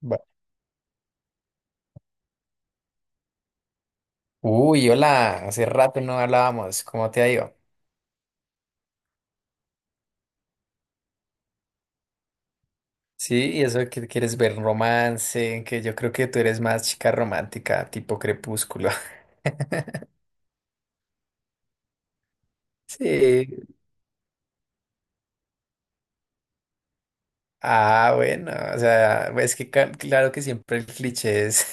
Va. Uy, hola, hace rato no hablábamos, ¿cómo te ha ido? Sí, y eso que quieres ver romance, que yo creo que tú eres más chica romántica, tipo crepúsculo. Sí. Ah, bueno, o sea, es que claro que siempre el cliché es,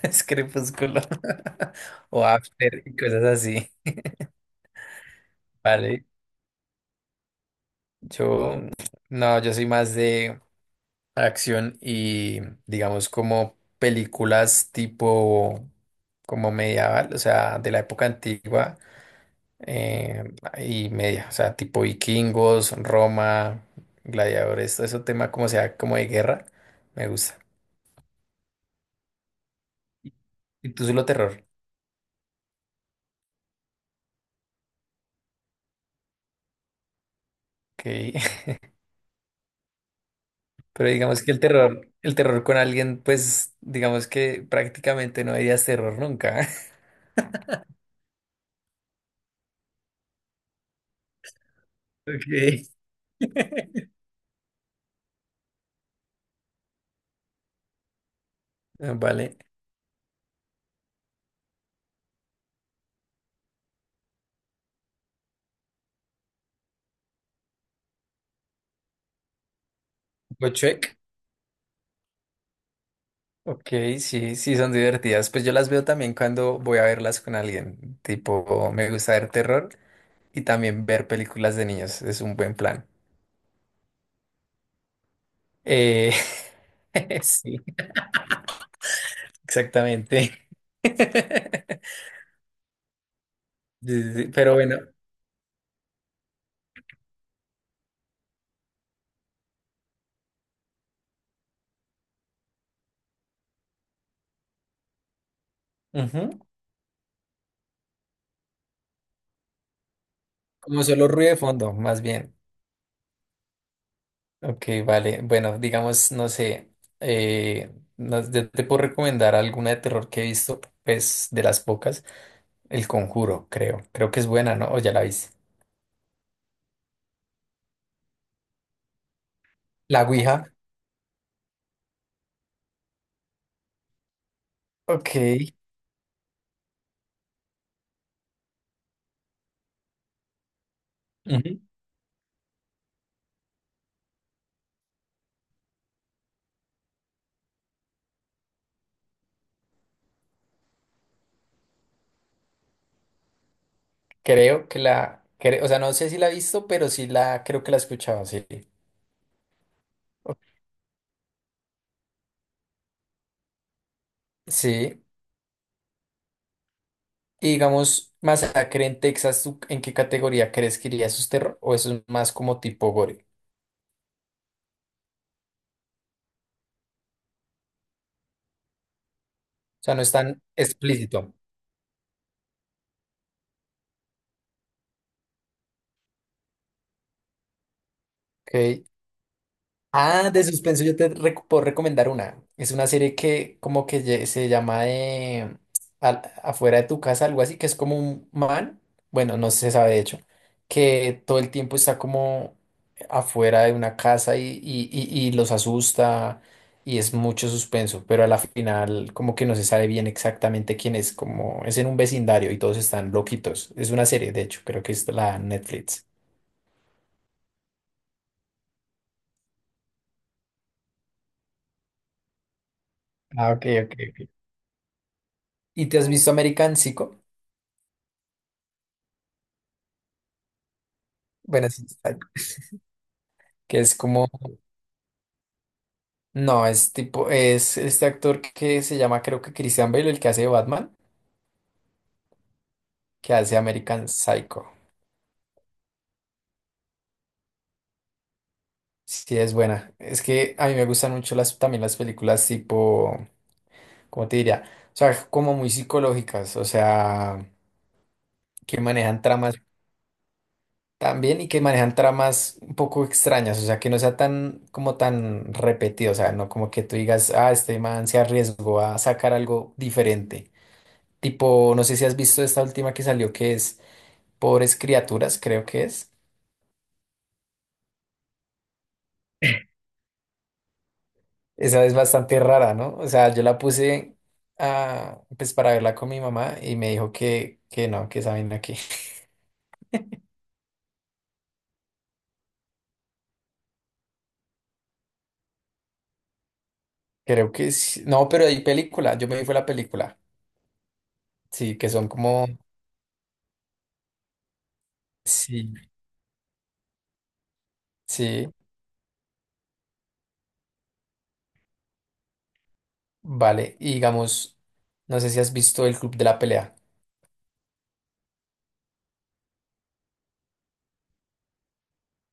es crepúsculo o after y cosas así, ¿vale? Yo, no, yo soy más acción y digamos como películas tipo como medieval, o sea, de la época antigua eh, y media, o sea, tipo vikingos, Roma, gladiadores, todo ese tema como sea, como de guerra, me gusta. Y tú solo terror, ok. Pero digamos que el terror con alguien, pues digamos que prácticamente no dirías terror nunca. Ok. Vale. Gochuek. Ok, sí, sí, son divertidas. Pues yo las veo también cuando voy a verlas con alguien. Tipo, me gusta ver terror y también ver películas de niños. Es un buen plan. Eh, sí, exactamente. Sí, sí, sí, pero bueno, ujú, como solo ruido de fondo, más bien. Ok, vale. Bueno, digamos, no sé, eh, yo te puedo recomendar alguna de terror que he visto, pues de las pocas, El Conjuro, creo. Creo que es buena, ¿no? O ya la viste. La Ouija. Ok. Ujú. Creo que la, cre- O sea, no sé si la he visto, pero sí la, creo que la he escuchado, sí. Ok. Sí. Y digamos, Masacre en Texas, ¿tú en qué categoría crees que iría? ¿Eso es terror o eso es más como tipo gore? O sea, no es tan explícito. Ok. Ah, de suspenso yo te puedo recomendar una. Es una serie que como que se llama afuera de tu casa, algo así, que es como un man, bueno, no se sabe de hecho, que todo el tiempo está como afuera de una casa y los asusta y es mucho suspenso, pero a la final como que no se sabe bien exactamente quién es, como es en un vecindario y todos están loquitos. Es una serie, de hecho, creo que es la Netflix. Ah, ok, ok, ok. ¿Y te has visto American Psycho? Bueno, sí, total, que es como, no, es tipo, es este actor que se llama, creo que Christian Bale, el que hace de Batman, que hace American Psycho. Sí, es buena. Es que a mí me gustan mucho las, también las películas tipo, ¿cómo te diría? O sea, como muy psicológicas, o sea, que manejan tramas también y que manejan tramas un poco extrañas, o sea, que no sea tan, como tan repetido, o sea, no como que tú digas, ah, este man se arriesgó a sacar algo diferente. Tipo, no sé si has visto esta última que salió que es Pobres Criaturas, creo que es. Esa es bastante rara, ¿no? O sea, yo la puse ah, pues para verla con mi mamá y me dijo que no, que esa vaina que creo que sí. No, pero hay película, yo me vi fue la película. Sí, que son como sí, sí, vale. Y digamos, no sé si has visto El Club de la Pelea.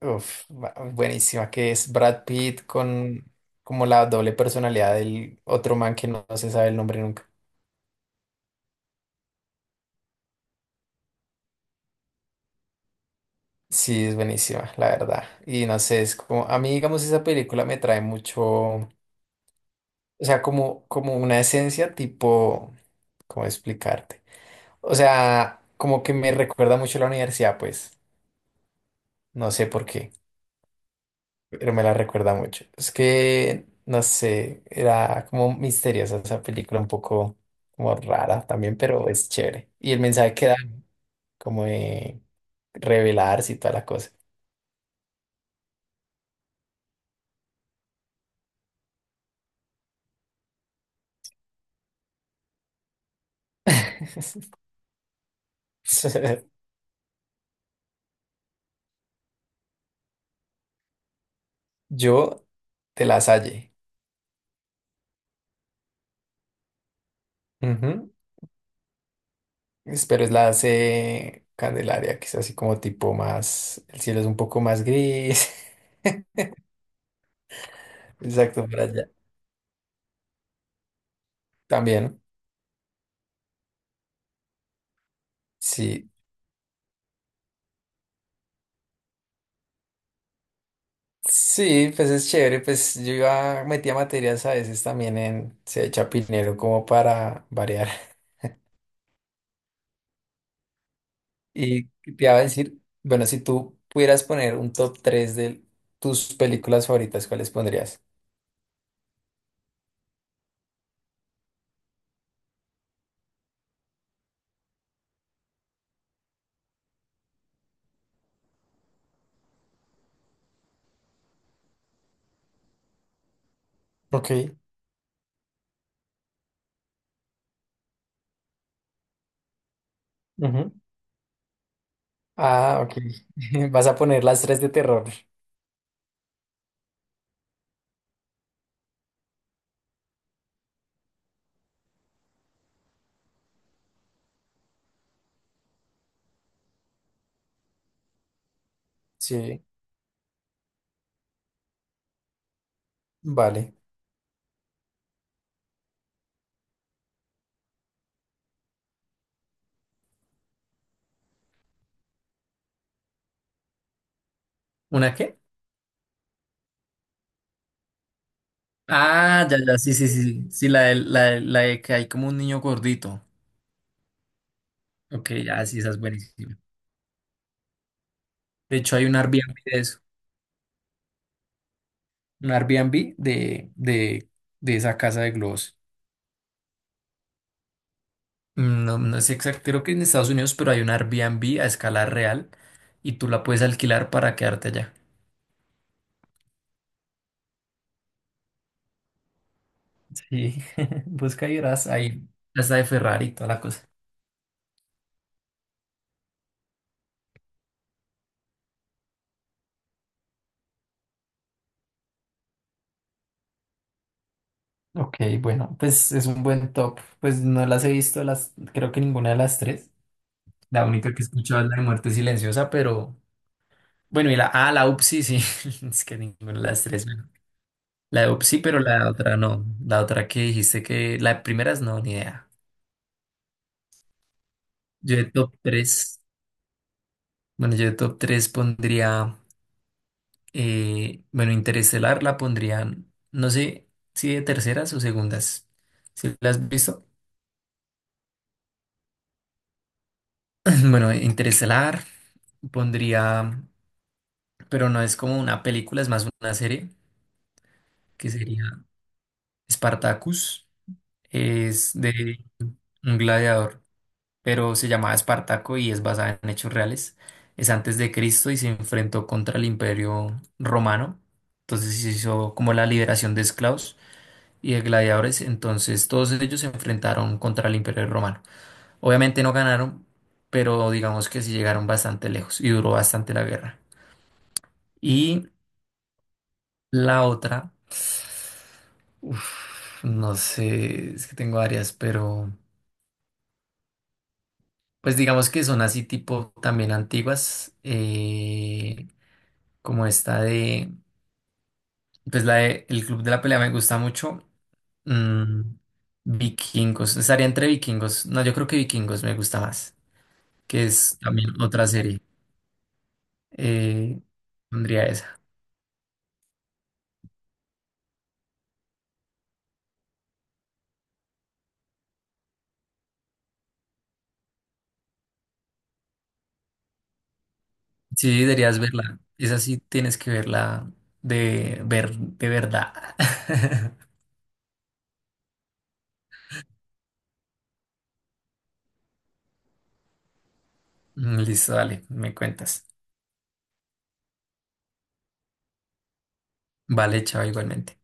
Uf, buenísima, que es Brad Pitt con como la doble personalidad del otro man que no se sabe el nombre nunca. Sí, es buenísima, la verdad. Y no sé, es como, a mí, digamos, esa película me trae mucho, o sea, como, como una esencia tipo, ¿cómo explicarte? O sea, como que me recuerda mucho a la universidad, pues, no sé por qué, pero me la recuerda mucho. Es que, no sé, era como misteriosa esa película, un poco como rara también, pero es chévere. Y el mensaje que da, como de revelarse y toda la cosa. Yo, de la Salle. Ujú. Pero es la C Candelaria, que es así como tipo más, el cielo es un poco más gris. Exacto, por allá. También, sí. Sí, pues es chévere, pues yo iba, metía materias a veces también en C de Chapinero como para variar. Y te iba a decir, bueno, si tú pudieras poner un top 3 de tus películas favoritas, ¿cuáles pondrías? Ok. Ujú. Ah, ok. Vas a poner las tres de terror. Sí, vale. ¿Una qué? Ah, ya, ya, sí, sí, sí, sí, sí, la de que hay como un niño gordito. Ok, ya, sí, esa es buenísima. De hecho, hay un Airbnb de eso, un Airbnb de esa casa de globos. Mm, no, no sé exacto, creo que en Estados Unidos, pero hay un Airbnb a escala real y tú la puedes alquilar para quedarte allá. Sí, busca y verás ahí, hasta de Ferrari y toda la cosa. Ok, bueno, pues es un buen top. Pues no las he visto, las, creo que ninguna de las tres. La única que he escuchado es la de Muerte Silenciosa, pero... Bueno, y la A, la UPSI, sí. Es que ninguna de las tres. Bueno. La UPSI, pero la otra no. La otra que dijiste que. La de primeras no, ni idea. Yo de top tres Bueno, yo de top 3 pondría. Bueno, Interestelar la pondrían. No sé si de terceras o segundas. ¿Si la has visto? Bueno, Interestelar pondría. Pero no es como una película, es más una serie. Que sería Spartacus. Es de un gladiador. Pero se llamaba Espartaco y es basada en hechos reales. Es antes de Cristo y se enfrentó contra el Imperio Romano. Entonces se hizo como la liberación de esclavos y de gladiadores. Entonces todos ellos se enfrentaron contra el Imperio Romano. Obviamente no ganaron, pero digamos que sí llegaron bastante lejos y duró bastante la guerra. Y la otra, uf, no sé, es que tengo varias, pero pues digamos que son así tipo también antiguas. Como esta de, pues la de El Club de la Pelea me gusta mucho. Mm, Vikingos, estaría entre Vikingos. No, yo creo que Vikingos me gusta más, que es también otra serie. Eh, Pondría esa. Sí, deberías verla. Esa sí tienes que verla de ver de verdad. Listo, dale, me cuentas. Vale, chao, igualmente.